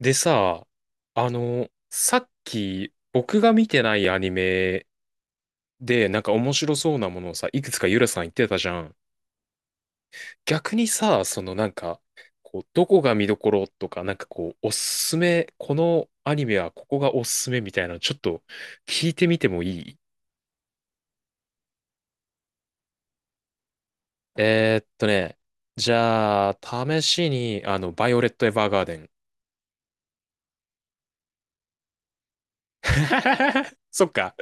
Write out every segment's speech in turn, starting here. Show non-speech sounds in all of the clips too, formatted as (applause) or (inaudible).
でさ、さっき僕が見てないアニメでなんか面白そうなものをさ、いくつかゆらさん言ってたじゃん。逆にさ、そのなんか、こう、どこが見どころとか、なんかこう、おすすめ、このアニメはここがおすすめみたいなのちょっと聞いてみてもいい？えーっとね、じゃあ、試しに、バイオレット・エヴァーガーデン。(laughs) そっか。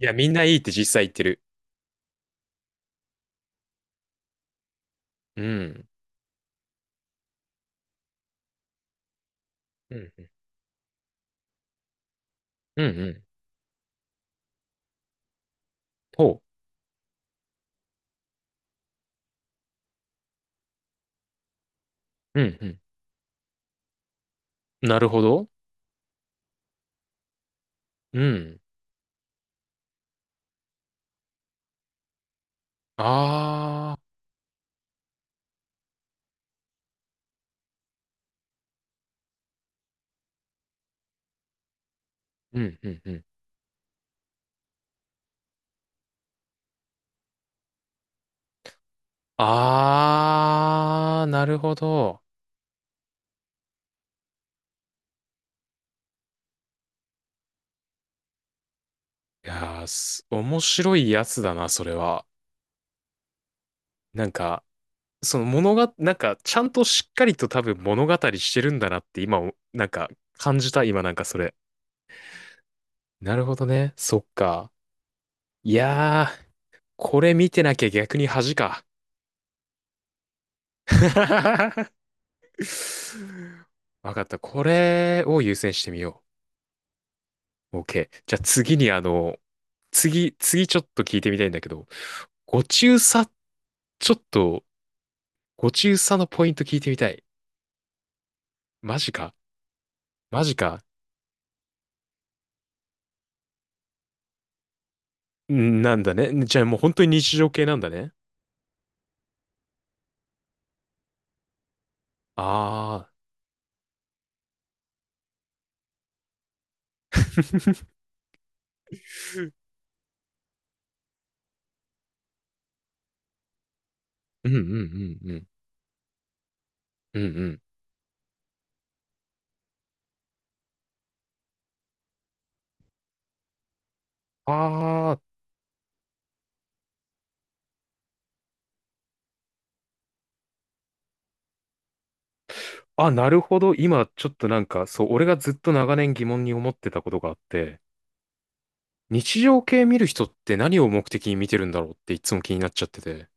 いや、みんないいって実際言ってる。うん。うんうん。うんうん。ほう。うんうん。なるほど。うん。ああ。うんうんうん。ああ、なるほど。いやー、面白いやつだな、それは。なんか、その物が、なんか、ちゃんとしっかりと多分物語してるんだなって今お、なんか、感じた、今なんかそれ。なるほどね。そっか。いやー、これ見てなきゃ逆に恥か。(laughs) わかった。これを優先してみよう。OK。じゃあ次にあの、次、次ちょっと聞いてみたいんだけど、ご中佐、ちょっと、ご中佐のポイント聞いてみたい。マジか。マジか。んなんだね。じゃあもう本当に日常系なんだね。ああ。(laughs) うんうんうんうん。うんうん。ああ。あ、なるほど。今ちょっとなんか、そう、俺がずっと長年疑問に思ってたことがあって、日常系見る人って何を目的に見てるんだろうっていつも気になっちゃってて。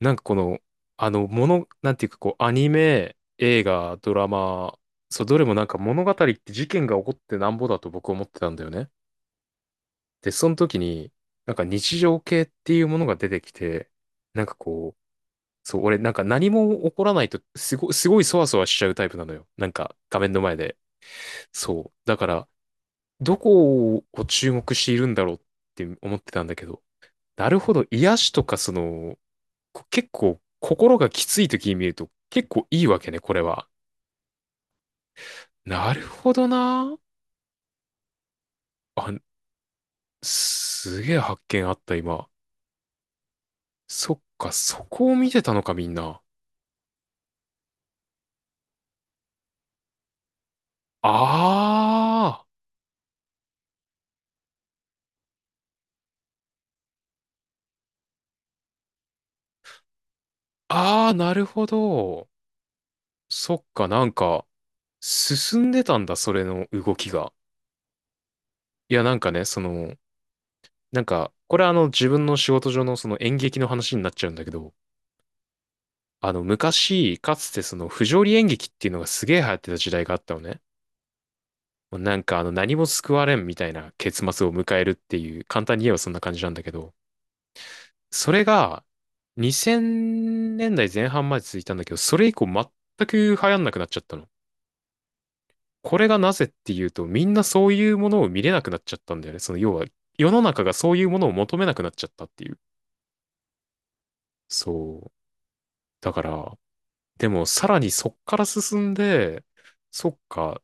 なんかこの、なんていうかこう、アニメ、映画、ドラマ、そう、どれもなんか物語って事件が起こってなんぼだと僕思ってたんだよね。で、その時に、なんか日常系っていうものが出てきて、なんかこう、そう、俺なんか何も起こらないと、すごいそわそわしちゃうタイプなのよ。なんか画面の前で。そう。だから、どこを注目しているんだろうって思ってたんだけど、なるほど、癒しとかその、結構心がきつい時に見ると結構いいわけね、これは。なるほどな。あ、すげえ発見あった、今。そっか、そこを見てたのか、みんな。ああ、ああ、なるほど。そっか、なんか、進んでたんだ、それの動きが。いや、なんかね、その、なんか、これあの、自分の仕事上のその演劇の話になっちゃうんだけど、あの、昔、かつてその、不条理演劇っていうのがすげえ流行ってた時代があったのね。もうなんかあの何も救われんみたいな結末を迎えるっていう、簡単に言えばそんな感じなんだけど、それが2000年代前半まで続いたんだけど、それ以降全く流行んなくなっちゃったの。これがなぜっていうと、みんなそういうものを見れなくなっちゃったんだよね。その要は世の中がそういうものを求めなくなっちゃったっていう。そう。だから、でもさらにそっから進んで、そっか、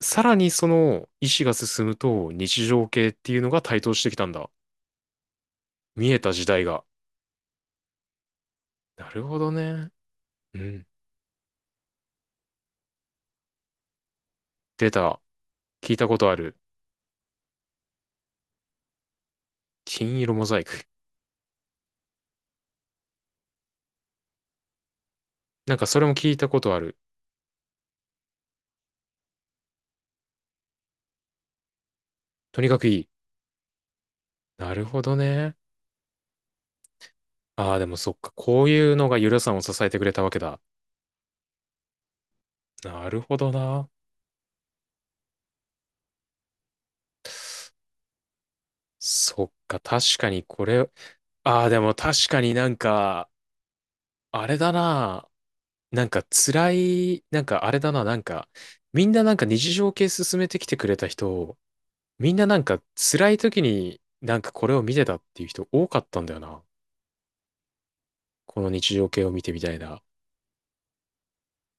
さらにその意思が進むと日常系っていうのが台頭してきたんだ。見えた時代が。なるほどね。うん。出た。聞いたことある。金色モザイク。なんかそれも聞いたことある。とにかくいい。なるほどね。ああ、でもそっか。こういうのがゆらさんを支えてくれたわけだ。なるほどな。そっか。確かにこれ。ああ、でも確かになんか、あれだな。なんか辛い、なんかあれだな。なんか、みんななんか日常系進めてきてくれた人、みんななんか辛い時になんかこれを見てたっていう人多かったんだよな。この日常系を見てみたいな。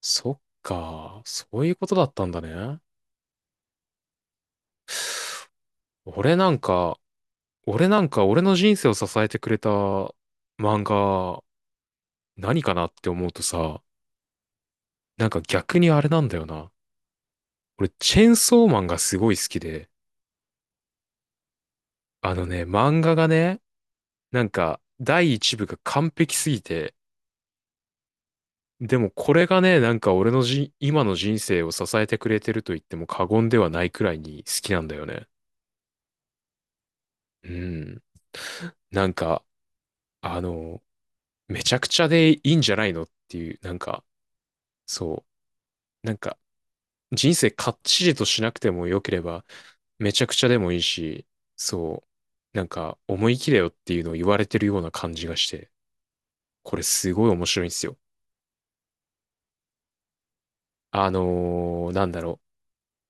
そっか、そういうことだったんだね。俺なんか、俺なんか俺の人生を支えてくれた漫画、何かなって思うとさ、なんか逆にあれなんだよな。俺、チェンソーマンがすごい好きで、あのね、漫画がね、なんか第一部が完璧すぎて、でもこれがね、なんか俺のじ、今の人生を支えてくれてると言っても過言ではないくらいに好きなんだよね。うん。なんか、あの、めちゃくちゃでいいんじゃないのっていう、なんか、そう、なんか、人生かっちりとしなくても良ければ、めちゃくちゃでもいいし、そう、なんか、思い切れよっていうのを言われてるような感じがして、これすごい面白いんですよ。なんだろう、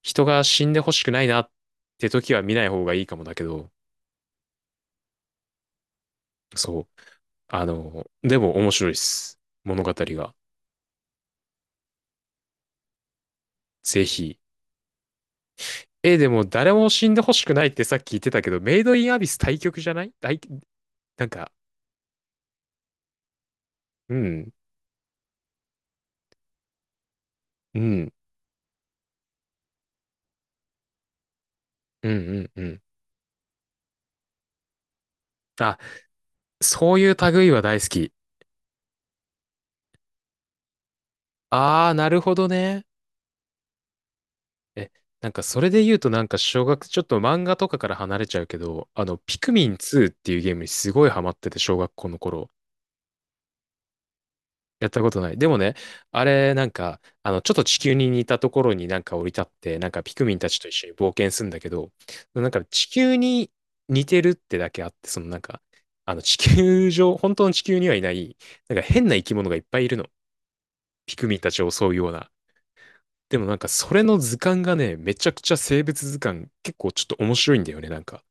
人が死んでほしくないなって時は見ない方がいいかもだけど、そう、でも面白いです。物語が。ぜひ。え、でも誰も死んでほしくないってさっき言ってたけど、メイドインアビス対局じゃないなんか、うん、うん、うん、うん、うん。あ、そういう類は大好き。ああ、なるほどね。え、なんかそれで言うとなんかちょっと漫画とかから離れちゃうけど、あの、ピクミン2っていうゲームにすごいハマってて、小学校の頃。やったことない。でもね、あれ、なんか、あの、ちょっと地球に似たところになんか降り立って、なんかピクミンたちと一緒に冒険するんだけど、なんか地球に似てるってだけあって、そのなんか、あの、地球上、本当の地球にはいない、なんか変な生き物がいっぱいいるの。ピクミンたちを襲うような。でもなんかそれの図鑑がね、めちゃくちゃ生物図鑑結構ちょっと面白いんだよね。なんか、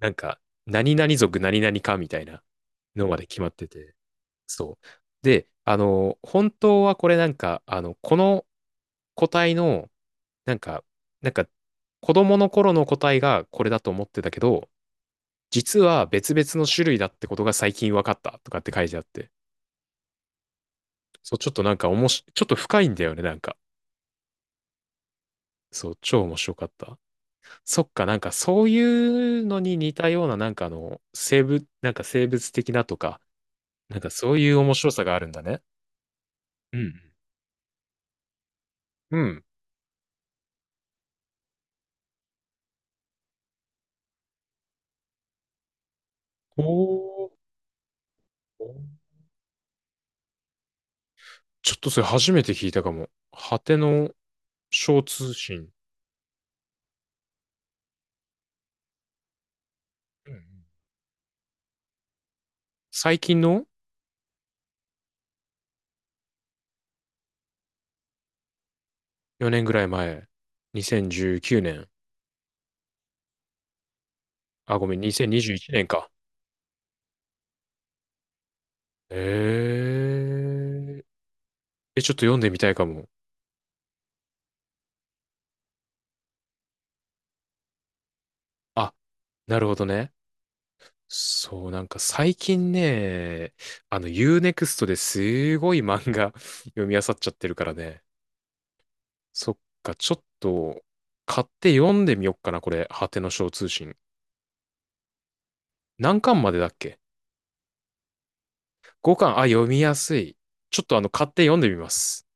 なんか、何々族何々かみたいなのまで決まってて。そう。で、あの、本当はこれなんか、あの、この個体の、なんか、なんか、子供の頃の個体がこれだと思ってたけど、実は別々の種類だってことが最近分かったとかって書いてあって。そう、ちょっとなんかおもし、ちょっと深いんだよね、なんか。そう、超面白かった。そっか、なんかそういうのに似たような、なんかあの、生物、なんか生物的なとか、なんかそういう面白さがあるんだね。うんうん。おー。ちょっとそれ初めて聞いたかも。果ての小通信。うん。うん最近の4年ぐらい前。2019年。あ、ごめん、2021年か。えー。え、ちょっと読んでみたいかも。あ、なるほどね。そう、なんか最近ね、あの U-NEXT ですごい漫画 (laughs) 読み漁っちゃってるからね。そっか、ちょっと買って読んでみよっかな、これ。果ての小通信。何巻までだっけ？ 5 巻、あ、読みやすい。ちょっとあの買って読んでみます。